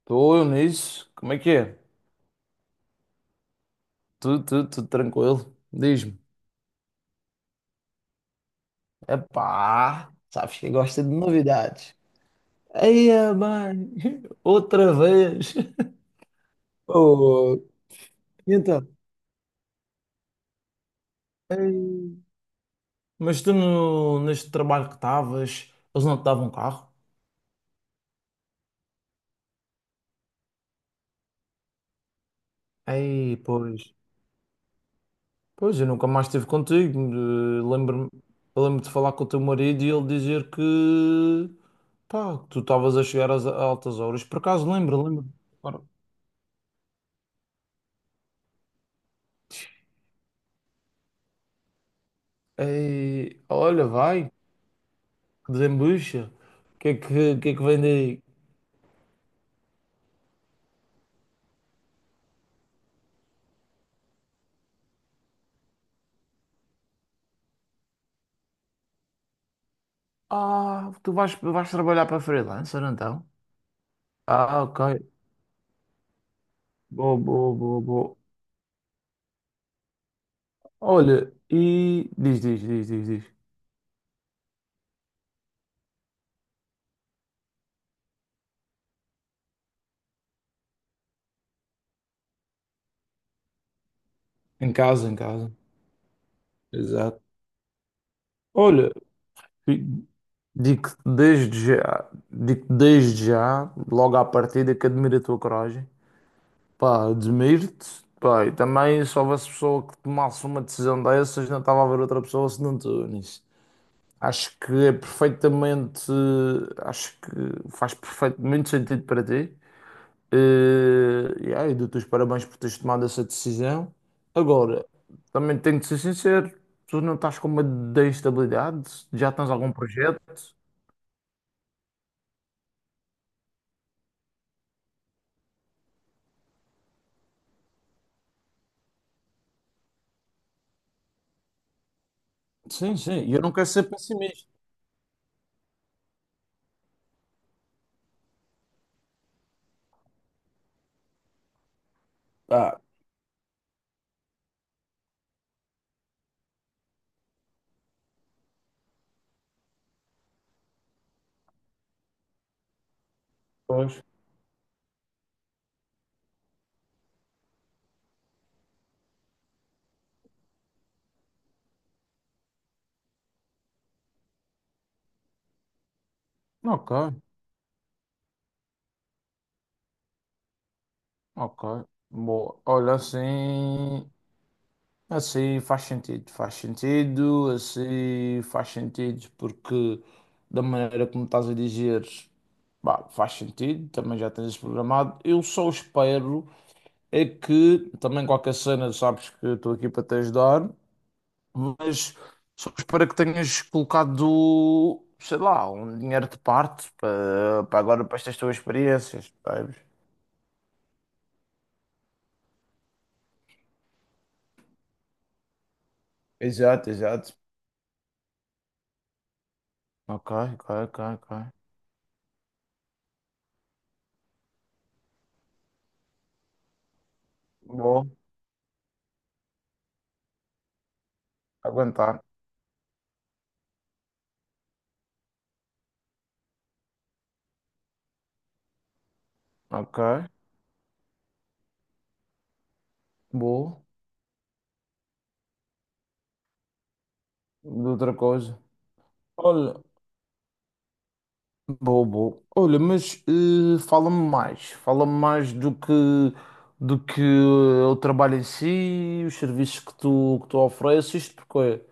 Estou eu nisso. Como é que é? Tudo, tranquilo. Diz-me. Epá, sabes que gosta de novidades. Aí, mãe, outra vez. Oh, e então? Mas tu no, neste trabalho que estavas, eles não te davam um carro? Aí, pois. Pois, eu nunca mais estive contigo. Lembro-me, eu lembro de falar com o teu marido e ele dizer que, pá, que tu estavas a chegar às altas horas. Por acaso, lembro. Ora, ei, olha, vai, que desembucha. O que é que vem daí? Ah, tu vais trabalhar para freelancer então? Ah, ok. Boa. Olha, e diz. Em casa, em casa. Exato. Olha, fi- digo-te desde já, logo à partida, que admiro a tua coragem. Pá, admiro-te. Pá, e também se houvesse pessoa que tomasse uma decisão dessas, não estava a ver outra pessoa senão tu nisso. Acho que é perfeitamente, acho que faz perfeitamente sentido para ti. Yeah, e aí, dou-te os parabéns por teres tomado essa decisão. Agora, também tenho de ser sincero, tu não estás com medo da instabilidade? Já tens algum projeto? Sim, e eu não quero ser pessimista. Ah, pois. Ok, ok. Boa. Olha, assim. Assim faz sentido, assim faz sentido, porque da maneira como estás a dizer, bah, faz sentido, também já tens isso programado. Eu só espero é que, também qualquer cena, sabes que eu estou aqui para te ajudar, mas só espero é que tenhas colocado, sei lá, um dinheiro de parte para agora, para estas tuas experiências, sabes? Exato, exato. Ok. Boa, aguentar. Ok, boa. De outra coisa. Olha, boa, boa. Olha, mas fala-me mais. Fala-me mais do que o trabalho em si, os serviços que que tu ofereces, porque olha,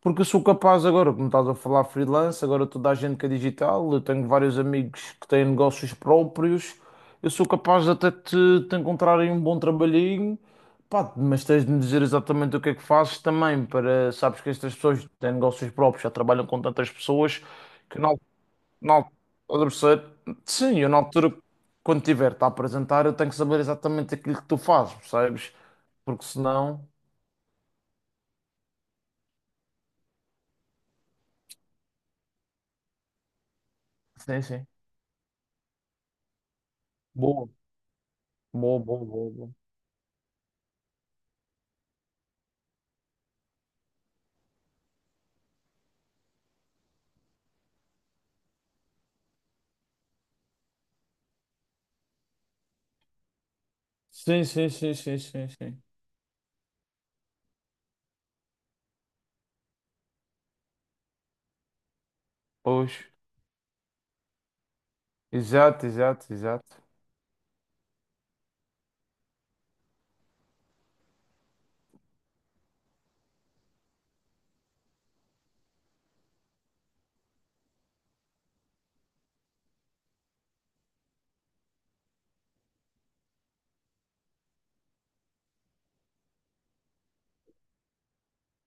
porque eu sou capaz agora, como estás a falar freelance, agora toda a gente que é digital, eu tenho vários amigos que têm negócios próprios, eu sou capaz de te encontrar aí um bom trabalhinho, pá, mas tens de me dizer exatamente o que é que fazes também, para, sabes que estas pessoas que têm negócios próprios, já trabalham com tantas pessoas, que não, sim, eu na altura, quando tiver-te a apresentar, eu tenho que saber exatamente aquilo que tu fazes, percebes? Porque senão, sim, sim, boa, boa. Sim, sim. Pois. Exato, exato.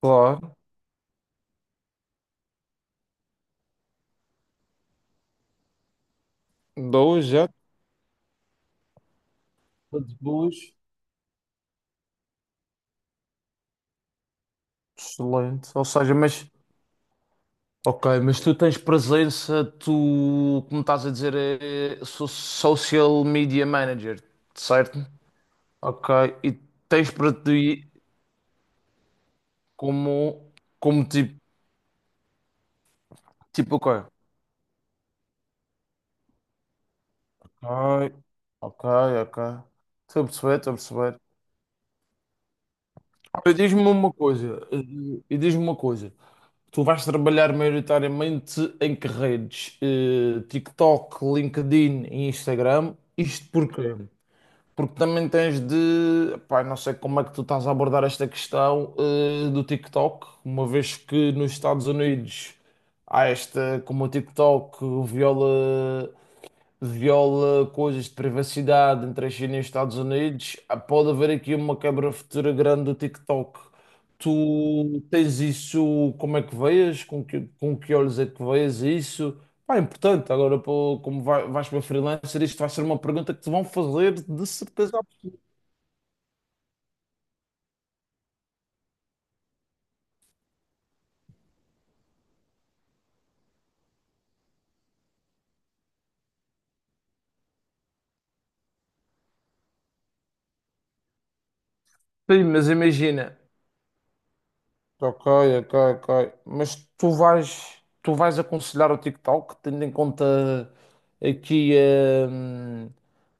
Claro. Dois, já. Duas. Excelente. Ou seja, mas. Ok, mas tu tens presença, tu, como estás a dizer, é social media manager, certo? Ok, e tens para ti como, como, tipo, ok. Ok, ok, ok. Estou a perceber, estou a perceber. E diz-me uma coisa, e diz-me uma coisa. Tu vais trabalhar maioritariamente em que redes? Eh, TikTok, LinkedIn e Instagram. Isto porquê? Porque também tens de. Pá, não sei como é que tu estás a abordar esta questão, do TikTok, uma vez que nos Estados Unidos há esta, como o TikTok viola viola coisas de privacidade entre a China e os Estados Unidos, ah, pode haver aqui uma quebra futura grande do TikTok. Tu tens isso, como é que vês? Com que olhos é que vês isso? Pá, é importante. Agora, pô, como vais para freelancer, isto vai ser uma pergunta que te vão fazer de certeza absoluta. Sim, mas imagina. Ok, ok. Mas tu tu vais aconselhar o TikTok, tendo em conta aqui hum,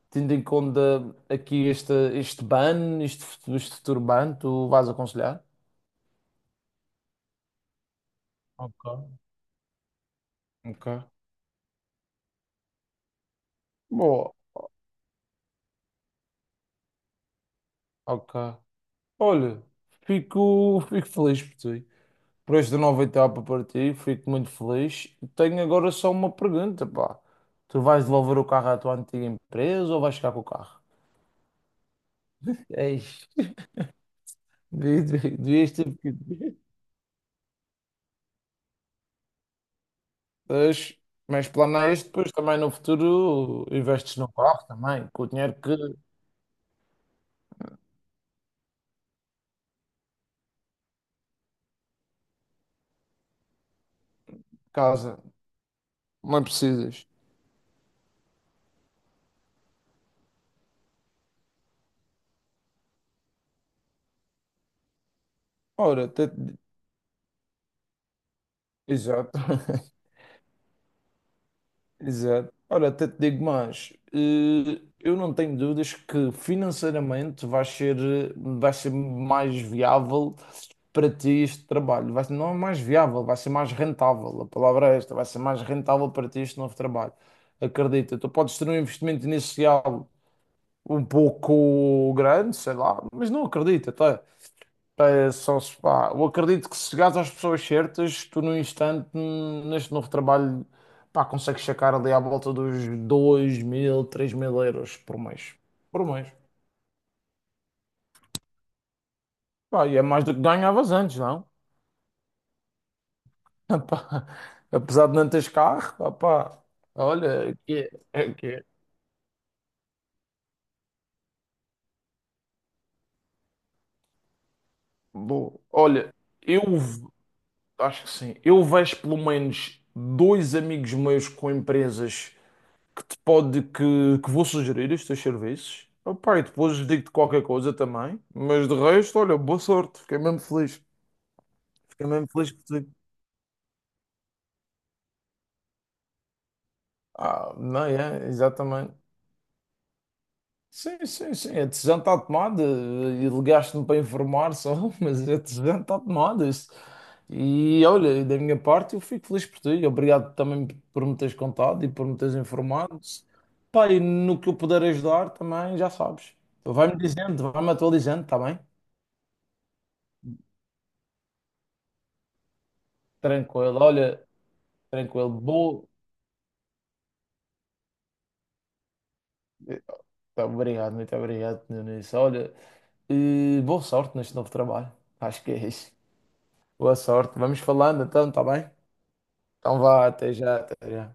tendo em conta aqui este ban, este futuro ban, tu vais aconselhar? Ok, ok. Boa, ok. Olha, fico feliz por ti. Por esta nova etapa para ti, fico muito feliz. Tenho agora só uma pergunta, pá. Tu vais devolver o carro à tua antiga empresa ou vais ficar com o carro? Ei, devias ter pedido. Mas, mas planeias depois também no futuro investes no carro também, com o dinheiro que casa. Não precisas. Ora, até te- Exato. Exato. Ora, até te digo mais. Eu não tenho dúvidas que financeiramente vai ser, vai ser mais viável para ti este trabalho. Vai, não é mais viável, vai ser mais rentável. A palavra é esta, vai ser mais rentável para ti este novo trabalho. Acredita, tu podes ter um investimento inicial um pouco grande, sei lá, mas não acredita, tá? Pá, é só se, pá, eu acredito que se chegares às pessoas certas, tu num instante, neste novo trabalho, pá, consegues sacar ali à volta dos 2000, 3000 euros por mês. Por mês. Pá, e é mais do que ganhavas antes, não? Pá, apesar de não teres carro, pá, olha, é que é, é que é. Boa. Olha, eu v- acho que sim, eu vejo pelo menos dois amigos meus com empresas que te pode que vou sugerir os teus serviços. Opa, e depois digo-te qualquer coisa também, mas de resto, olha, boa sorte, fiquei mesmo feliz. Fiquei mesmo feliz por ti. Ah, não é? Exatamente. Sim, a decisão está tomada e ligaste-me para informar só, mas a decisão está tomada. Isso. E olha, da minha parte, eu fico feliz por ti. Obrigado também por me teres contado e por me teres informado. Pá, e no que eu puder ajudar também, já sabes. Vai-me dizendo, vai-me atualizando, está bem? Tranquilo, olha, tranquilo, boa. Tá, obrigado, muito obrigado, Nunes. Olha, boa sorte neste novo trabalho. Acho que é isso. Boa sorte. Vamos falando então, tá bem? Então vá, até já, até já.